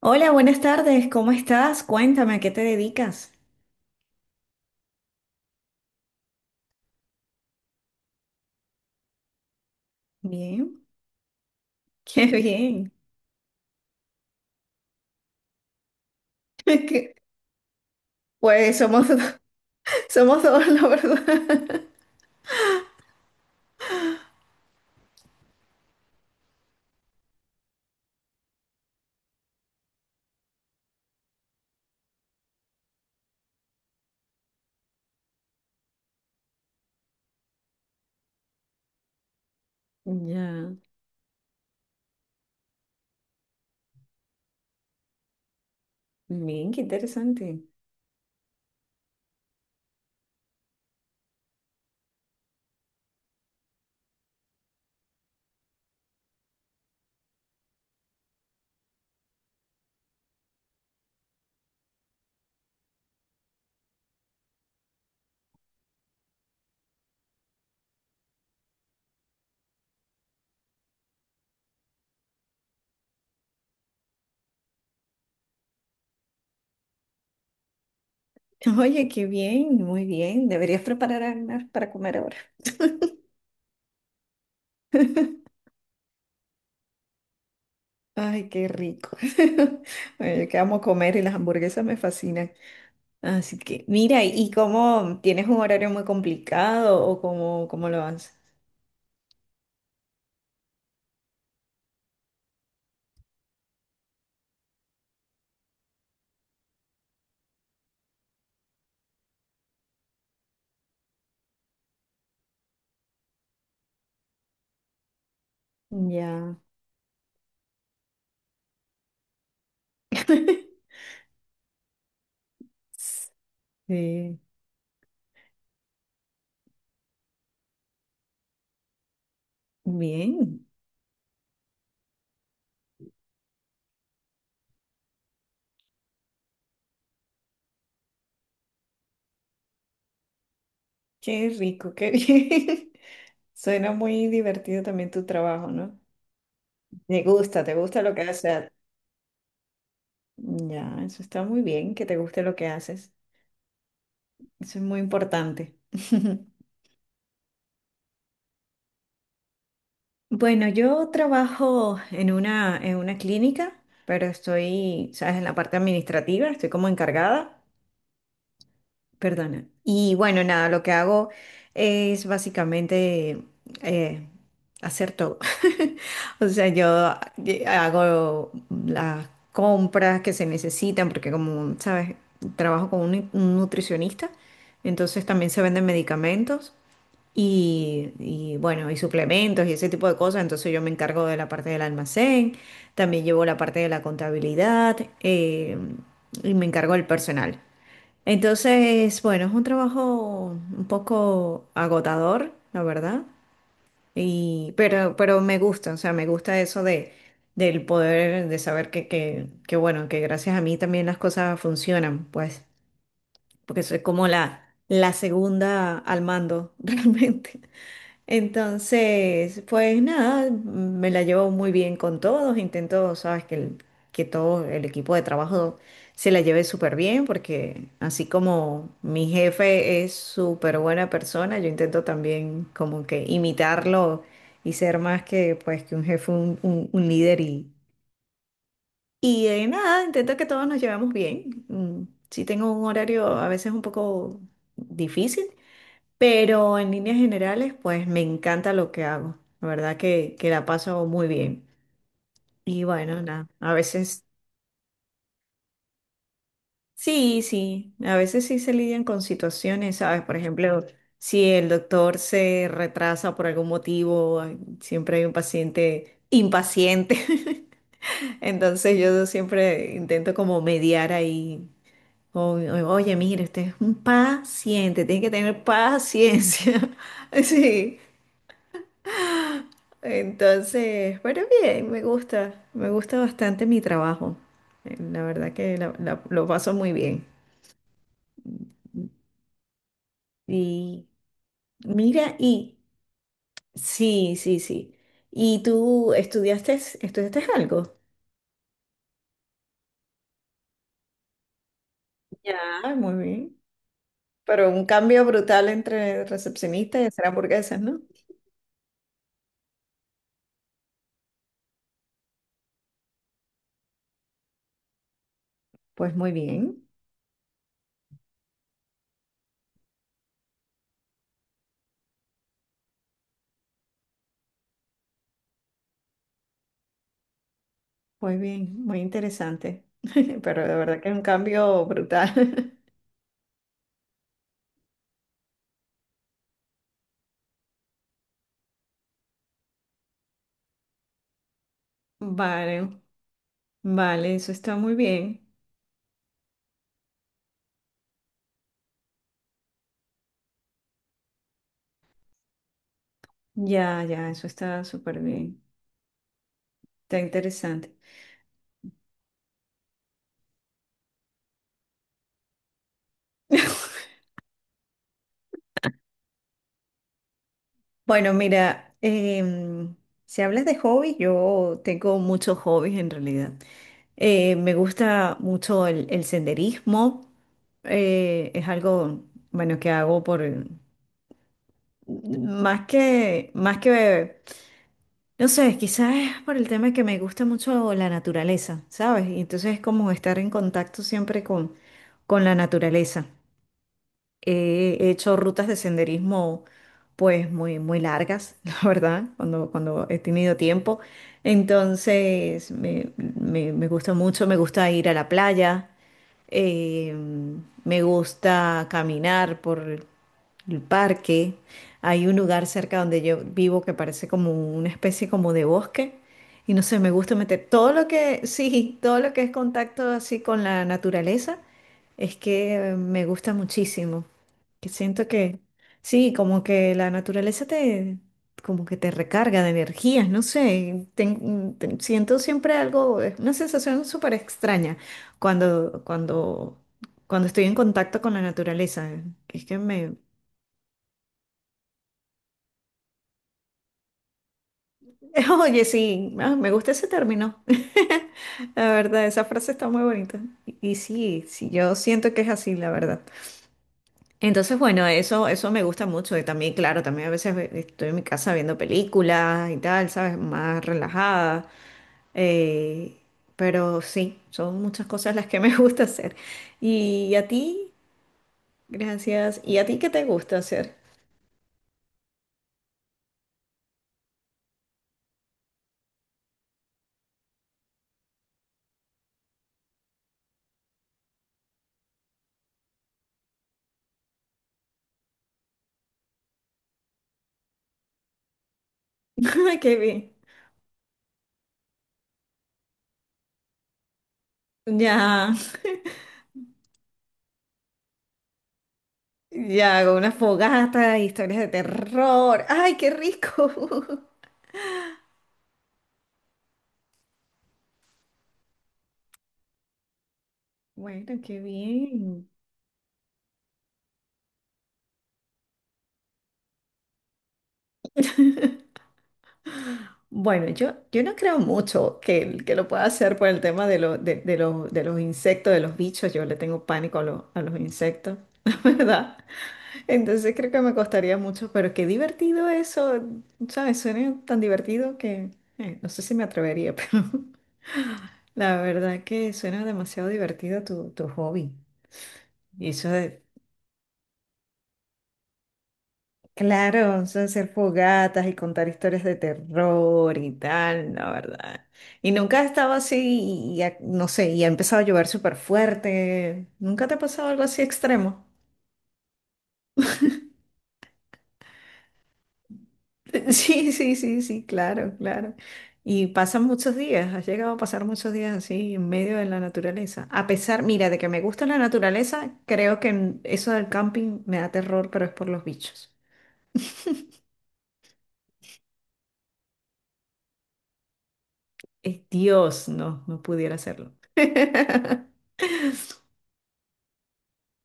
Hola, buenas tardes, ¿cómo estás? Cuéntame, ¿a qué te dedicas? Bien, qué bien. Qué- Pues somos dos, la verdad. Ya, bien, qué interesante. Oye, qué bien, muy bien. Deberías preparar algo para comer ahora. Ay, qué rico. Oye, que amo comer y las hamburguesas me fascinan. Así que, mira, ¿y cómo tienes un horario muy complicado o cómo lo haces? Ya. Sí, bien. Qué rico, qué bien. Suena muy divertido también tu trabajo, ¿no? Te gusta lo que haces. Ya, eso está muy bien, que te guste lo que haces. Eso es muy importante. Bueno, yo trabajo en una clínica, pero estoy, ¿sabes? En la parte administrativa, estoy como encargada. Perdona. Y bueno, nada, lo que hago es básicamente eh, hacer todo. O sea, yo hago las compras que se necesitan, porque como, sabes, trabajo con un nutricionista, entonces también se venden medicamentos y bueno, y suplementos y ese tipo de cosas. Entonces yo me encargo de la parte del almacén, también llevo la parte de la contabilidad y me encargo del personal. Entonces, bueno, es un trabajo un poco agotador, la verdad, y, pero me gusta, o sea, me gusta eso de, del poder, de saber que, bueno, que gracias a mí también las cosas funcionan, pues, porque soy como la segunda al mando, realmente. Entonces, pues nada, me la llevo muy bien con todos. Intento, sabes, que, que todo el equipo de trabajo se la lleve súper bien, porque así como mi jefe es súper buena persona, yo intento también como que imitarlo y ser más que, pues, que un jefe, un líder. Y nada, intento que todos nos llevemos bien. Sí tengo un horario a veces un poco difícil, pero en líneas generales, pues me encanta lo que hago. La verdad que la paso muy bien. Y bueno, nada, a veces sí, sí, a veces sí se lidian con situaciones, ¿sabes? Por ejemplo, si el doctor se retrasa por algún motivo, hay- siempre hay un paciente impaciente. Entonces yo siempre intento como mediar ahí. Oye, mire, usted es un paciente, tiene que tener paciencia. Sí, entonces, bueno, bien, me gusta bastante mi trabajo. La verdad que lo paso muy bien. Y mira, y sí, sí, sí. ¿Y tú estudiaste algo? Ya. Ah, muy bien. Pero un cambio brutal entre recepcionista y hacer hamburguesas, ¿no? Pues muy bien, muy bien, muy interesante. Pero de verdad que es un cambio brutal. Vale, vale, eso está muy bien. Ya, ya, eso está súper bien. Está interesante. Bueno, mira, si hablas de hobbies, yo tengo muchos hobbies en realidad. Me gusta mucho el senderismo. Es algo, bueno, que hago por, más que, no sé, quizás es por el tema que me gusta mucho la naturaleza, ¿sabes? Y entonces es como estar en contacto siempre con la naturaleza. He hecho rutas de senderismo pues muy, muy largas, la verdad, cuando he tenido tiempo. Entonces me gusta mucho, me gusta ir a la playa, eh, me gusta caminar por, el parque. Hay un lugar cerca donde yo vivo que parece como una especie como de bosque. Y no sé, me gusta meter todo lo que, sí, todo lo que es contacto así con la naturaleza, es que me gusta muchísimo. Que siento que, sí, como que la naturaleza te, como que te recarga de energías, no sé. Siento siempre algo, es una sensación súper extraña cuando, cuando, cuando estoy en contacto con la naturaleza. Es que me, oye, sí, ah, me gusta ese término. La verdad, esa frase está muy bonita. Y sí, sí, yo siento que es así, la verdad. Entonces, bueno, eso me gusta mucho. Y también, claro, también a veces estoy en mi casa viendo películas y tal, ¿sabes? Más relajada. Eh, pero sí, son muchas cosas las que me gusta hacer. Y a ti, gracias. ¿Y a ti qué te gusta hacer? Ay, qué bien. Ya. Ya, hago una fogata, historias de terror. ¡Ay, qué rico! Bueno, qué bien. Bueno, yo no creo mucho que lo pueda hacer por el tema de, de los insectos, de los bichos. Yo le tengo pánico a los insectos, la verdad. Entonces creo que me costaría mucho, pero qué divertido eso. ¿Sabes? Suena tan divertido que no sé si me atrevería, pero la verdad que suena demasiado divertido tu hobby. Y eso de claro, son hacer fogatas y contar historias de terror y tal, la verdad. Y nunca ha estado así, y ha- no sé, y ha empezado a llover súper fuerte. ¿Nunca te ha pasado algo así extremo? Sí, sí, sí, sí, claro, claro. Y pasan muchos días, has llegado a pasar muchos días así en medio de la naturaleza. A pesar, mira, de que me gusta la naturaleza, creo que eso del camping me da terror, pero es por los bichos. Es Dios, no, no pudiera hacerlo.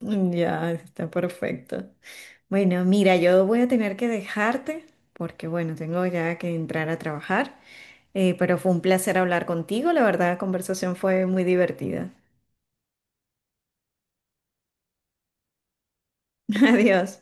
Mm, ya, está perfecto. Bueno, mira, yo voy a tener que dejarte porque, bueno, tengo ya que entrar a trabajar. Pero fue un placer hablar contigo, la verdad, la conversación fue muy divertida. Adiós.